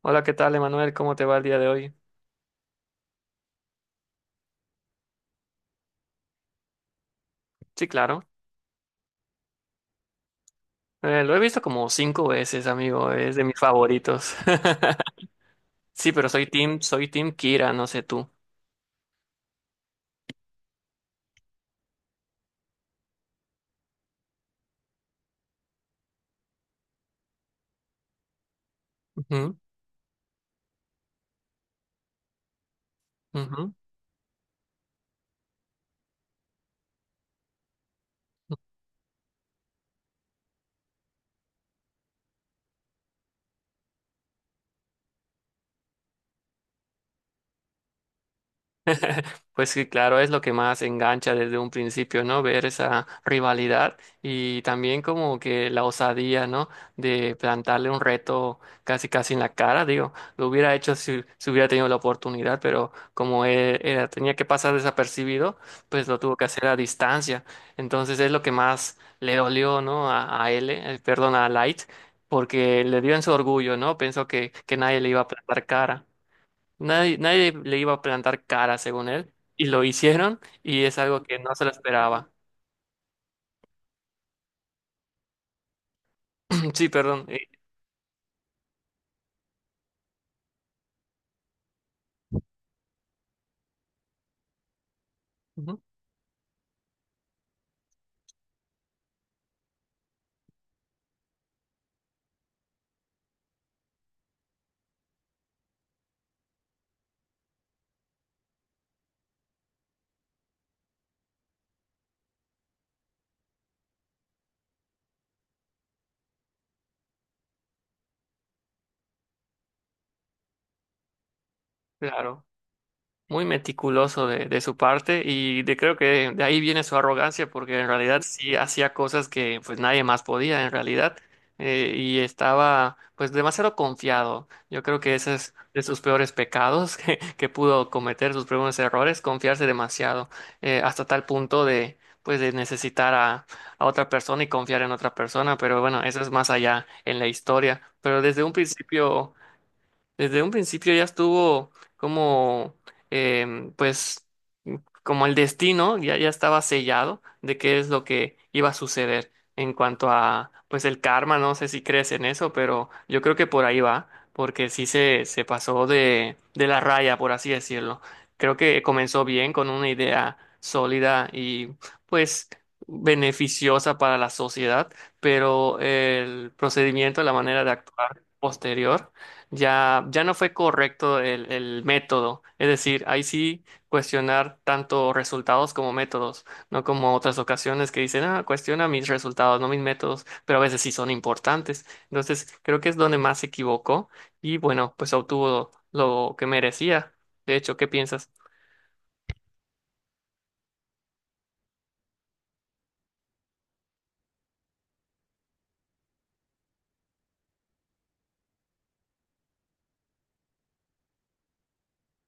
Hola, ¿qué tal, Emanuel? ¿Cómo te va el día de hoy? Sí, claro. Lo he visto como cinco veces, amigo. Es de mis favoritos. Sí, pero soy team Kira, no sé tú. Ujú, ujú. Pues sí, claro, es lo que más engancha desde un principio, ¿no? Ver esa rivalidad y también como que la osadía, ¿no? De plantarle un reto casi casi en la cara, digo, lo hubiera hecho si hubiera tenido la oportunidad, pero como él, tenía que pasar desapercibido, pues lo tuvo que hacer a distancia. Entonces es lo que más le dolió, ¿no? A L, perdón, a Light, porque le dio en su orgullo, ¿no? Pensó que nadie le iba a plantar cara. Nadie le iba a plantar cara, según él, y lo hicieron, y es algo que no se lo esperaba. Sí, perdón. Ujú, claro. Muy meticuloso de su parte y de, creo que de ahí viene su arrogancia porque en realidad sí hacía cosas que pues nadie más podía en realidad. Y estaba pues demasiado confiado. Yo creo que ese es de sus peores pecados que pudo cometer, sus primeros errores, confiarse demasiado. Hasta tal punto de pues de necesitar a otra persona y confiar en otra persona, pero bueno, eso es más allá en la historia, pero desde un principio ya estuvo como, pues, como el destino ya estaba sellado de qué es lo que iba a suceder en cuanto a, pues, el karma. No sé si crees en eso, pero yo creo que por ahí va, porque sí se pasó de la raya, por así decirlo. Creo que comenzó bien con una idea sólida y, pues, beneficiosa para la sociedad, pero el procedimiento, la manera de actuar posterior ya no fue correcto el método. Es decir, ahí sí cuestionar tanto resultados como métodos, no como otras ocasiones que dicen, ah, cuestiona mis resultados, no mis métodos, pero a veces sí son importantes. Entonces, creo que es donde más se equivocó y bueno, pues obtuvo lo que merecía. De hecho, ¿qué piensas?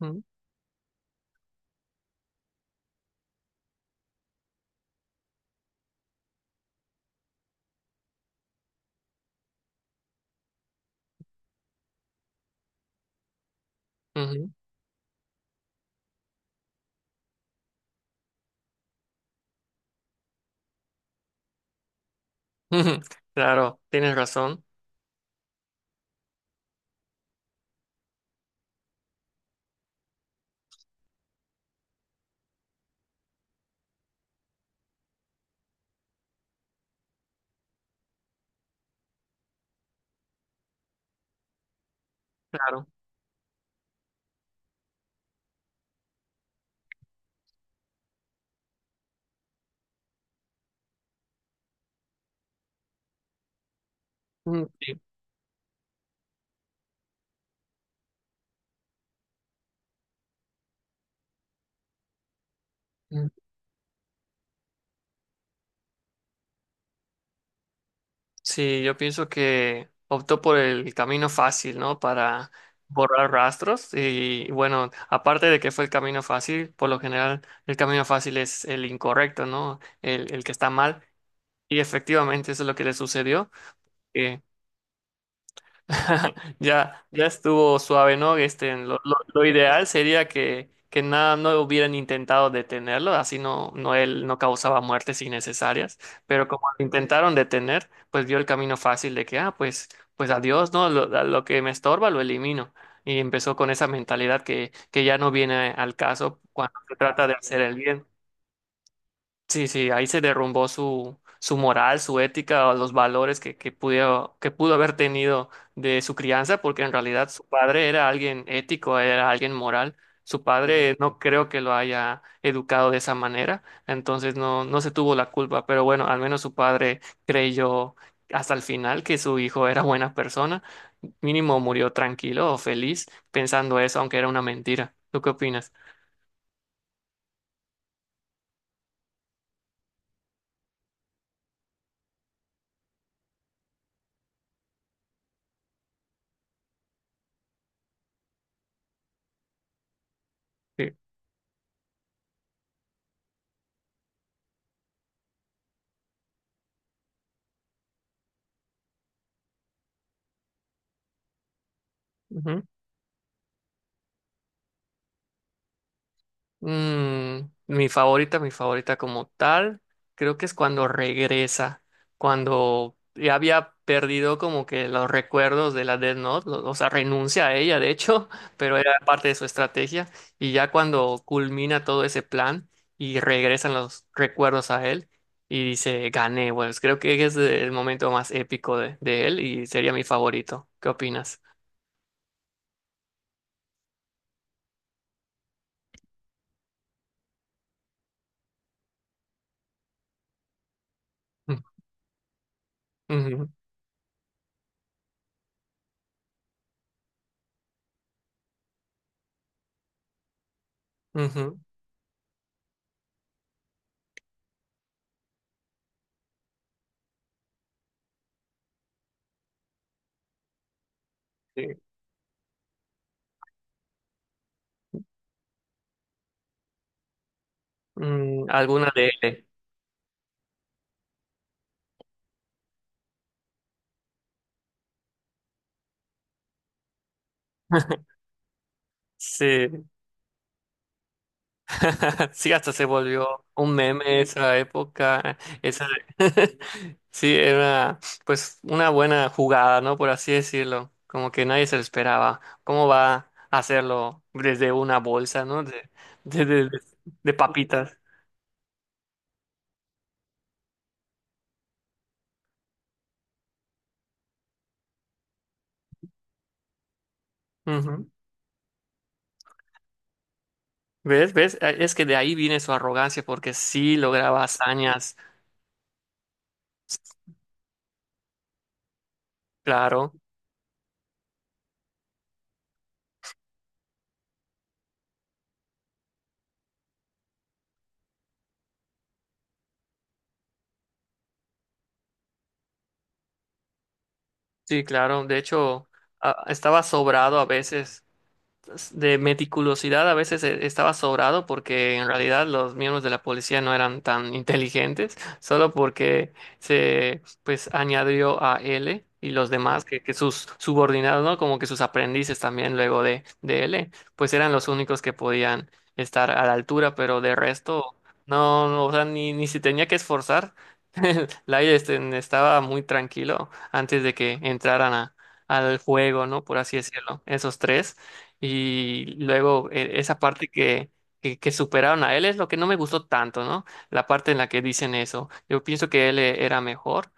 Mm, ujú. Claro, tienes razón, claro. Mm, sí. Sí, yo pienso que optó por el camino fácil, ¿no? Para borrar rastros y bueno, aparte de que fue el camino fácil, por lo general el camino fácil es el incorrecto, ¿no? El que está mal y efectivamente eso es lo que le sucedió. Ya, ya estuvo suave, ¿no? Este, lo ideal sería que nada, no hubieran intentado detenerlo, así no él no causaba muertes innecesarias, pero como lo intentaron detener, pues vio el camino fácil de que, ah, pues, adiós, ¿no? Lo, a lo que me estorba lo elimino. Y empezó con esa mentalidad que ya no viene al caso cuando se trata de hacer el bien. Sí, sí, ahí se derrumbó su moral, su ética, o los valores que pudo haber tenido de su crianza, porque en realidad su padre era alguien ético, era alguien moral. Su padre no creo que lo haya educado de esa manera, entonces no se tuvo la culpa, pero bueno, al menos su padre creyó hasta el final que su hijo era buena persona. Mínimo murió tranquilo o feliz pensando eso, aunque era una mentira. ¿Tú qué opinas? Sí. Mm, mi favorita como tal, creo que es cuando regresa, cuando ya había perdido como que los recuerdos de la Death Note, o sea, renuncia a ella, de hecho, pero era parte de su estrategia, y ya cuando culmina todo ese plan y regresan los recuerdos a él y dice, gané, pues creo que es el momento más épico de él y sería mi favorito. ¿Qué opinas? Mm, ujú, ujú, sí. Mm, ¿alguna de él? Sí. Sí, hasta se volvió un meme esa época. Esa... Sí, era pues una buena jugada, ¿no? Por así decirlo. Como que nadie se lo esperaba. ¿Cómo va a hacerlo desde una bolsa, ¿no? De, de- de papitas. Ujú. ¿Ves? ¿Ves? Es que de ahí viene su arrogancia porque sí lograba hazañas. Claro, sí, claro. De hecho, ah, estaba sobrado a veces. De meticulosidad a veces estaba sobrado porque en realidad los miembros de la policía no eran tan inteligentes, solo porque se pues añadió a L y los demás que sus subordinados, ¿no? Como que sus aprendices también luego de L, pues eran los únicos que podían estar a la altura, pero de resto no, o sea, ni se tenía que esforzar. Light estaba muy tranquilo antes de que entraran al juego, ¿no? Por así decirlo, esos tres. Y luego esa parte que, que superaron a él es lo que no me gustó tanto, ¿no? La parte en la que dicen eso. Yo pienso que él era mejor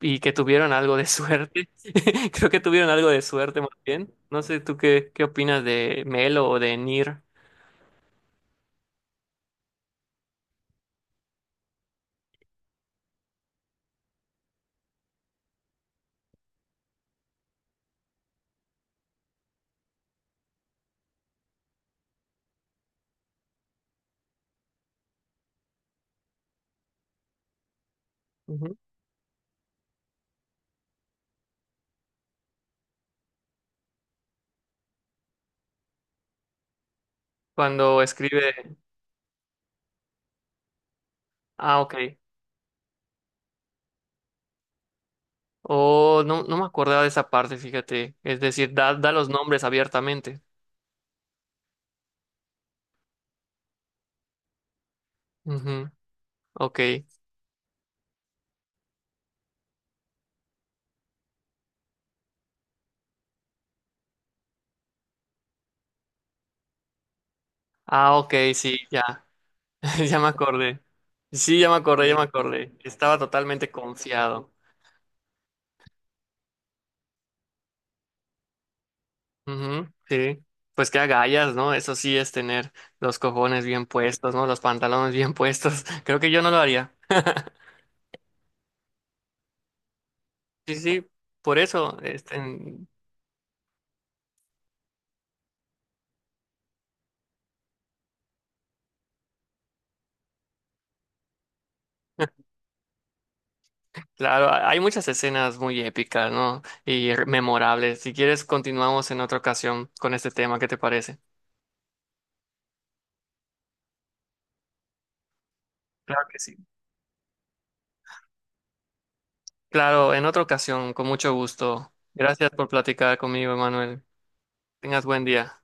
y que tuvieron algo de suerte. Creo que tuvieron algo de suerte más bien. No sé tú qué opinas de Melo o de Nir. Ujú. Cuando escribe. Ah, ok. O no, no me acordaba de esa parte, fíjate. Es decir, da los nombres abiertamente. Ujú. Ok. Ah, ok, sí, ya. Ya me acordé. Sí, ya me acordé, ya me, sí, acordé. Estaba totalmente confiado. Ujú, sí. Pues qué agallas, ¿no? Eso sí es tener los cojones bien puestos, ¿no? Los pantalones bien puestos. Creo que yo no lo haría. Sí, sí. Por eso, este, claro, hay muchas escenas muy épicas, ¿no? Y memorables. Si quieres, continuamos en otra ocasión con este tema. ¿Qué te parece? Claro que sí. Claro, en otra ocasión, con mucho gusto. Gracias por platicar conmigo, Emanuel. Tengas buen día.